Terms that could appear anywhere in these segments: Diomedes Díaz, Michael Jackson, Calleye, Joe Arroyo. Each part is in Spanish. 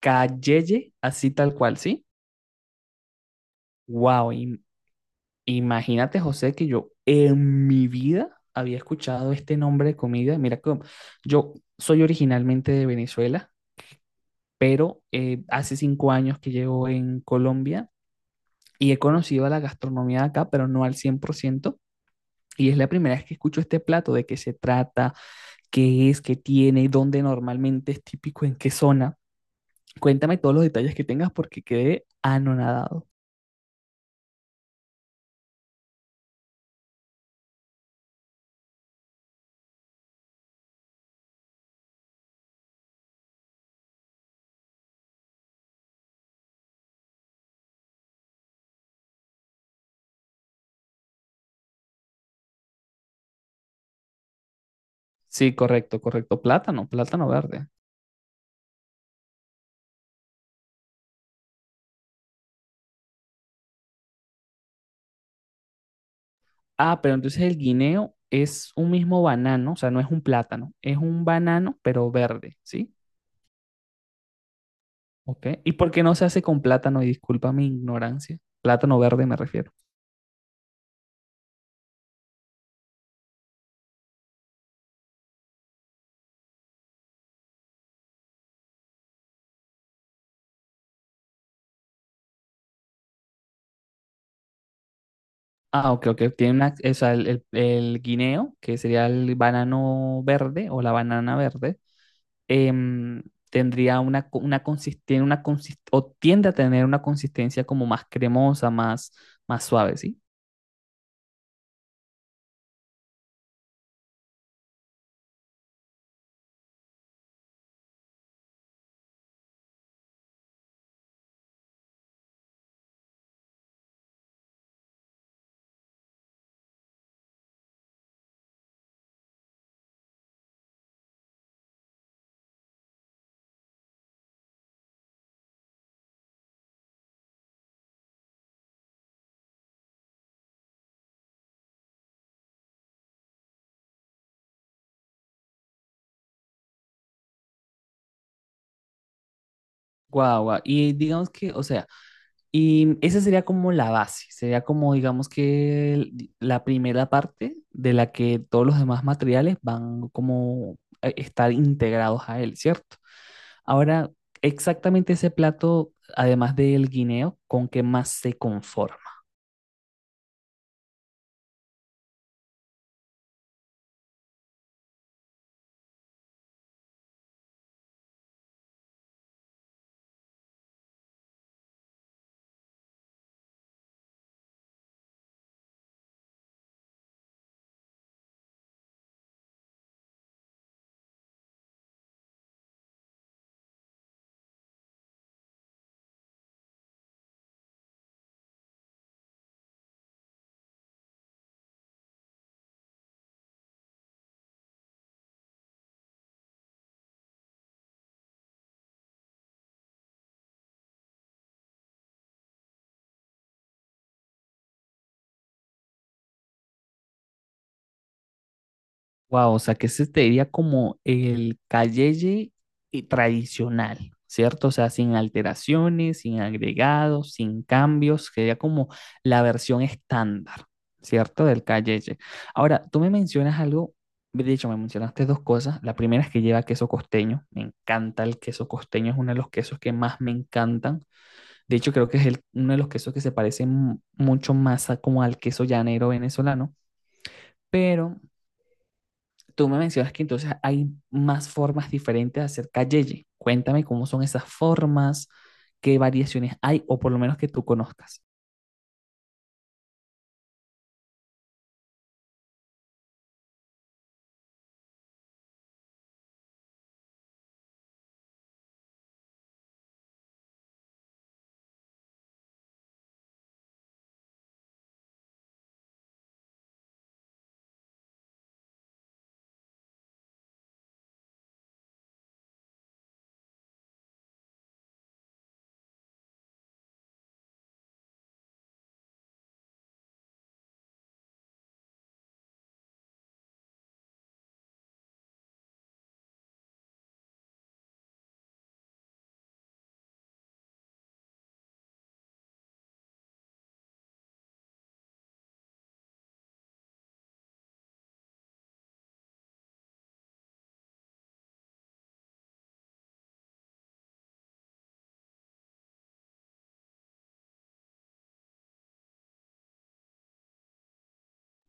Calleye, así tal cual, ¿sí? Wow, imagínate, José, que yo en mi vida había escuchado este nombre de comida. Mira, que yo soy originalmente de Venezuela, pero hace cinco años que llevo en Colombia y he conocido a la gastronomía de acá, pero no al 100%. Y es la primera vez que escucho este plato, ¿de qué se trata, qué es, qué tiene, dónde normalmente es típico, en qué zona? Cuéntame todos los detalles que tengas porque quedé anonadado. Sí, correcto, correcto. Plátano, plátano verde. Ah, pero entonces el guineo es un mismo banano, o sea, no es un plátano, es un banano, pero verde, ¿sí? Ok. ¿Y por qué no se hace con plátano? Y disculpa mi ignorancia. Plátano verde me refiero. Ah, ok, ok. Tiene una, o sea, el guineo, que sería el banano verde o la banana verde, em, tendría una, una tiene una o tiende a tener una consistencia como más cremosa, más, más suave, ¿sí? Guau, guau. Y digamos que, o sea, y esa sería como la base, sería como digamos que la primera parte de la que todos los demás materiales van como a estar integrados a él, ¿cierto? Ahora, exactamente ese plato, además del guineo, ¿con qué más se conforma? Wow, o sea que ese te diría como el calleye y tradicional, ¿cierto? O sea, sin alteraciones, sin agregados, sin cambios, sería como la versión estándar, ¿cierto? Del calleye. Ahora, tú me mencionas algo, de hecho, me mencionaste dos cosas. La primera es que lleva queso costeño, me encanta el queso costeño, es uno de los quesos que más me encantan. De hecho, creo que es uno de los quesos que se parece mucho más a, como al queso llanero venezolano, pero tú me mencionas que entonces hay más formas diferentes de hacer calleye. Cuéntame cómo son esas formas, qué variaciones hay, o por lo menos que tú conozcas.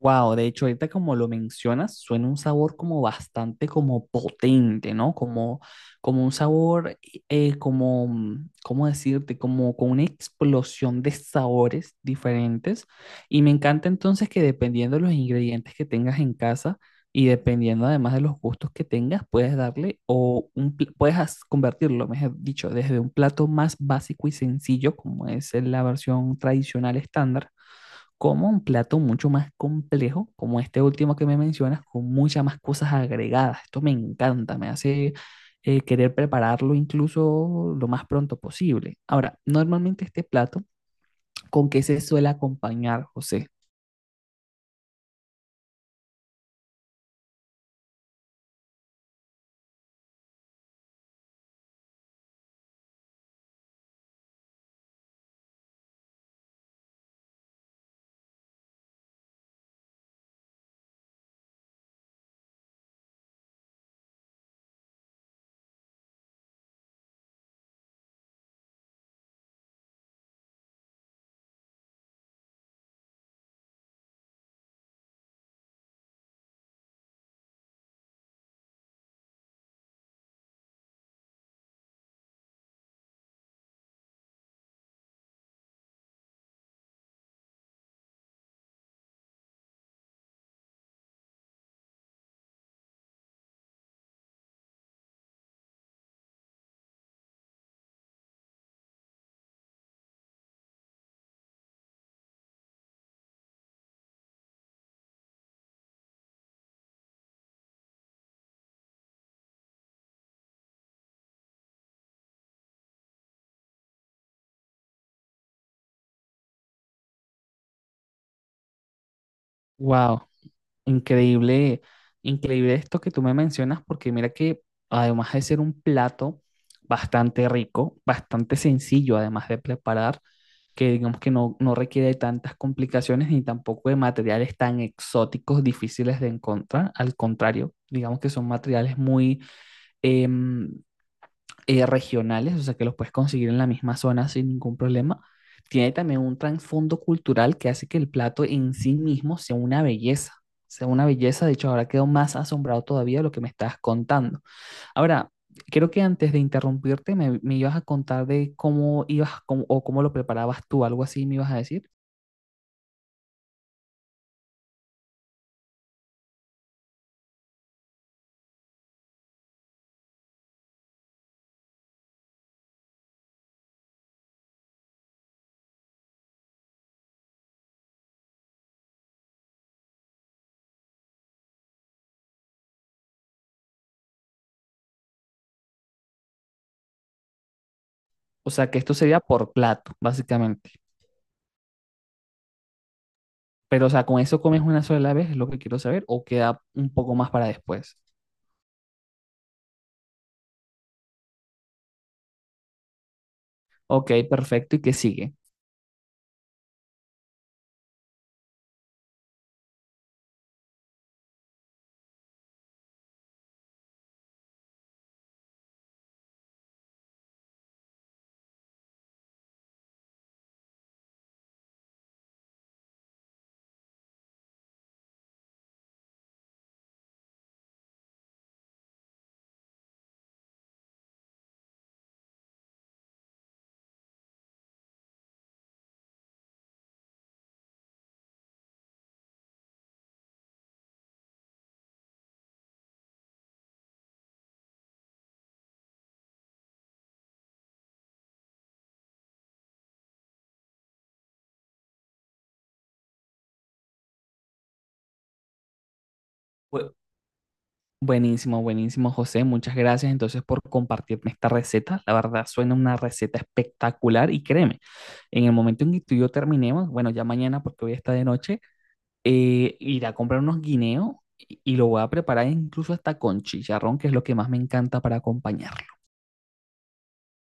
Wow, de hecho, ahorita como lo mencionas, suena un sabor como bastante como potente, ¿no? Como, como un sabor, como, ¿cómo decirte? Como con una explosión de sabores diferentes. Y me encanta entonces que dependiendo de los ingredientes que tengas en casa y dependiendo además de los gustos que tengas, puedes darle o un, puedes convertirlo, mejor dicho, desde un plato más básico y sencillo, como es la versión tradicional estándar, como un plato mucho más complejo, como este último que me mencionas, con muchas más cosas agregadas. Esto me encanta, me hace querer prepararlo incluso lo más pronto posible. Ahora, normalmente este plato, ¿con qué se suele acompañar, José? Wow, increíble, increíble esto que tú me mencionas, porque mira que además de ser un plato bastante rico, bastante sencillo además de preparar, que digamos que no, no requiere de tantas complicaciones ni tampoco de materiales tan exóticos, difíciles de encontrar. Al contrario, digamos que son materiales muy eh, regionales, o sea que los puedes conseguir en la misma zona sin ningún problema. Tiene también un trasfondo cultural que hace que el plato en sí mismo sea una belleza, sea una belleza. De hecho, ahora quedo más asombrado todavía de lo que me estás contando. Ahora, creo que antes de interrumpirte me ibas a contar de cómo ibas cómo- o cómo lo preparabas tú, algo así me ibas a decir. O sea, que esto sería por plato, básicamente. Pero, o sea, ¿con eso comes una sola vez? Es lo que quiero saber, o queda un poco más para después. Ok, perfecto. ¿Y qué sigue? Bu- Buenísimo, buenísimo, José. Muchas gracias entonces por compartirme esta receta. La verdad, suena una receta espectacular y créeme, en el momento en que tú y yo terminemos, bueno, ya mañana porque hoy está de noche, ir a comprar unos guineos y lo voy a preparar incluso hasta con chicharrón, que es lo que más me encanta para acompañar.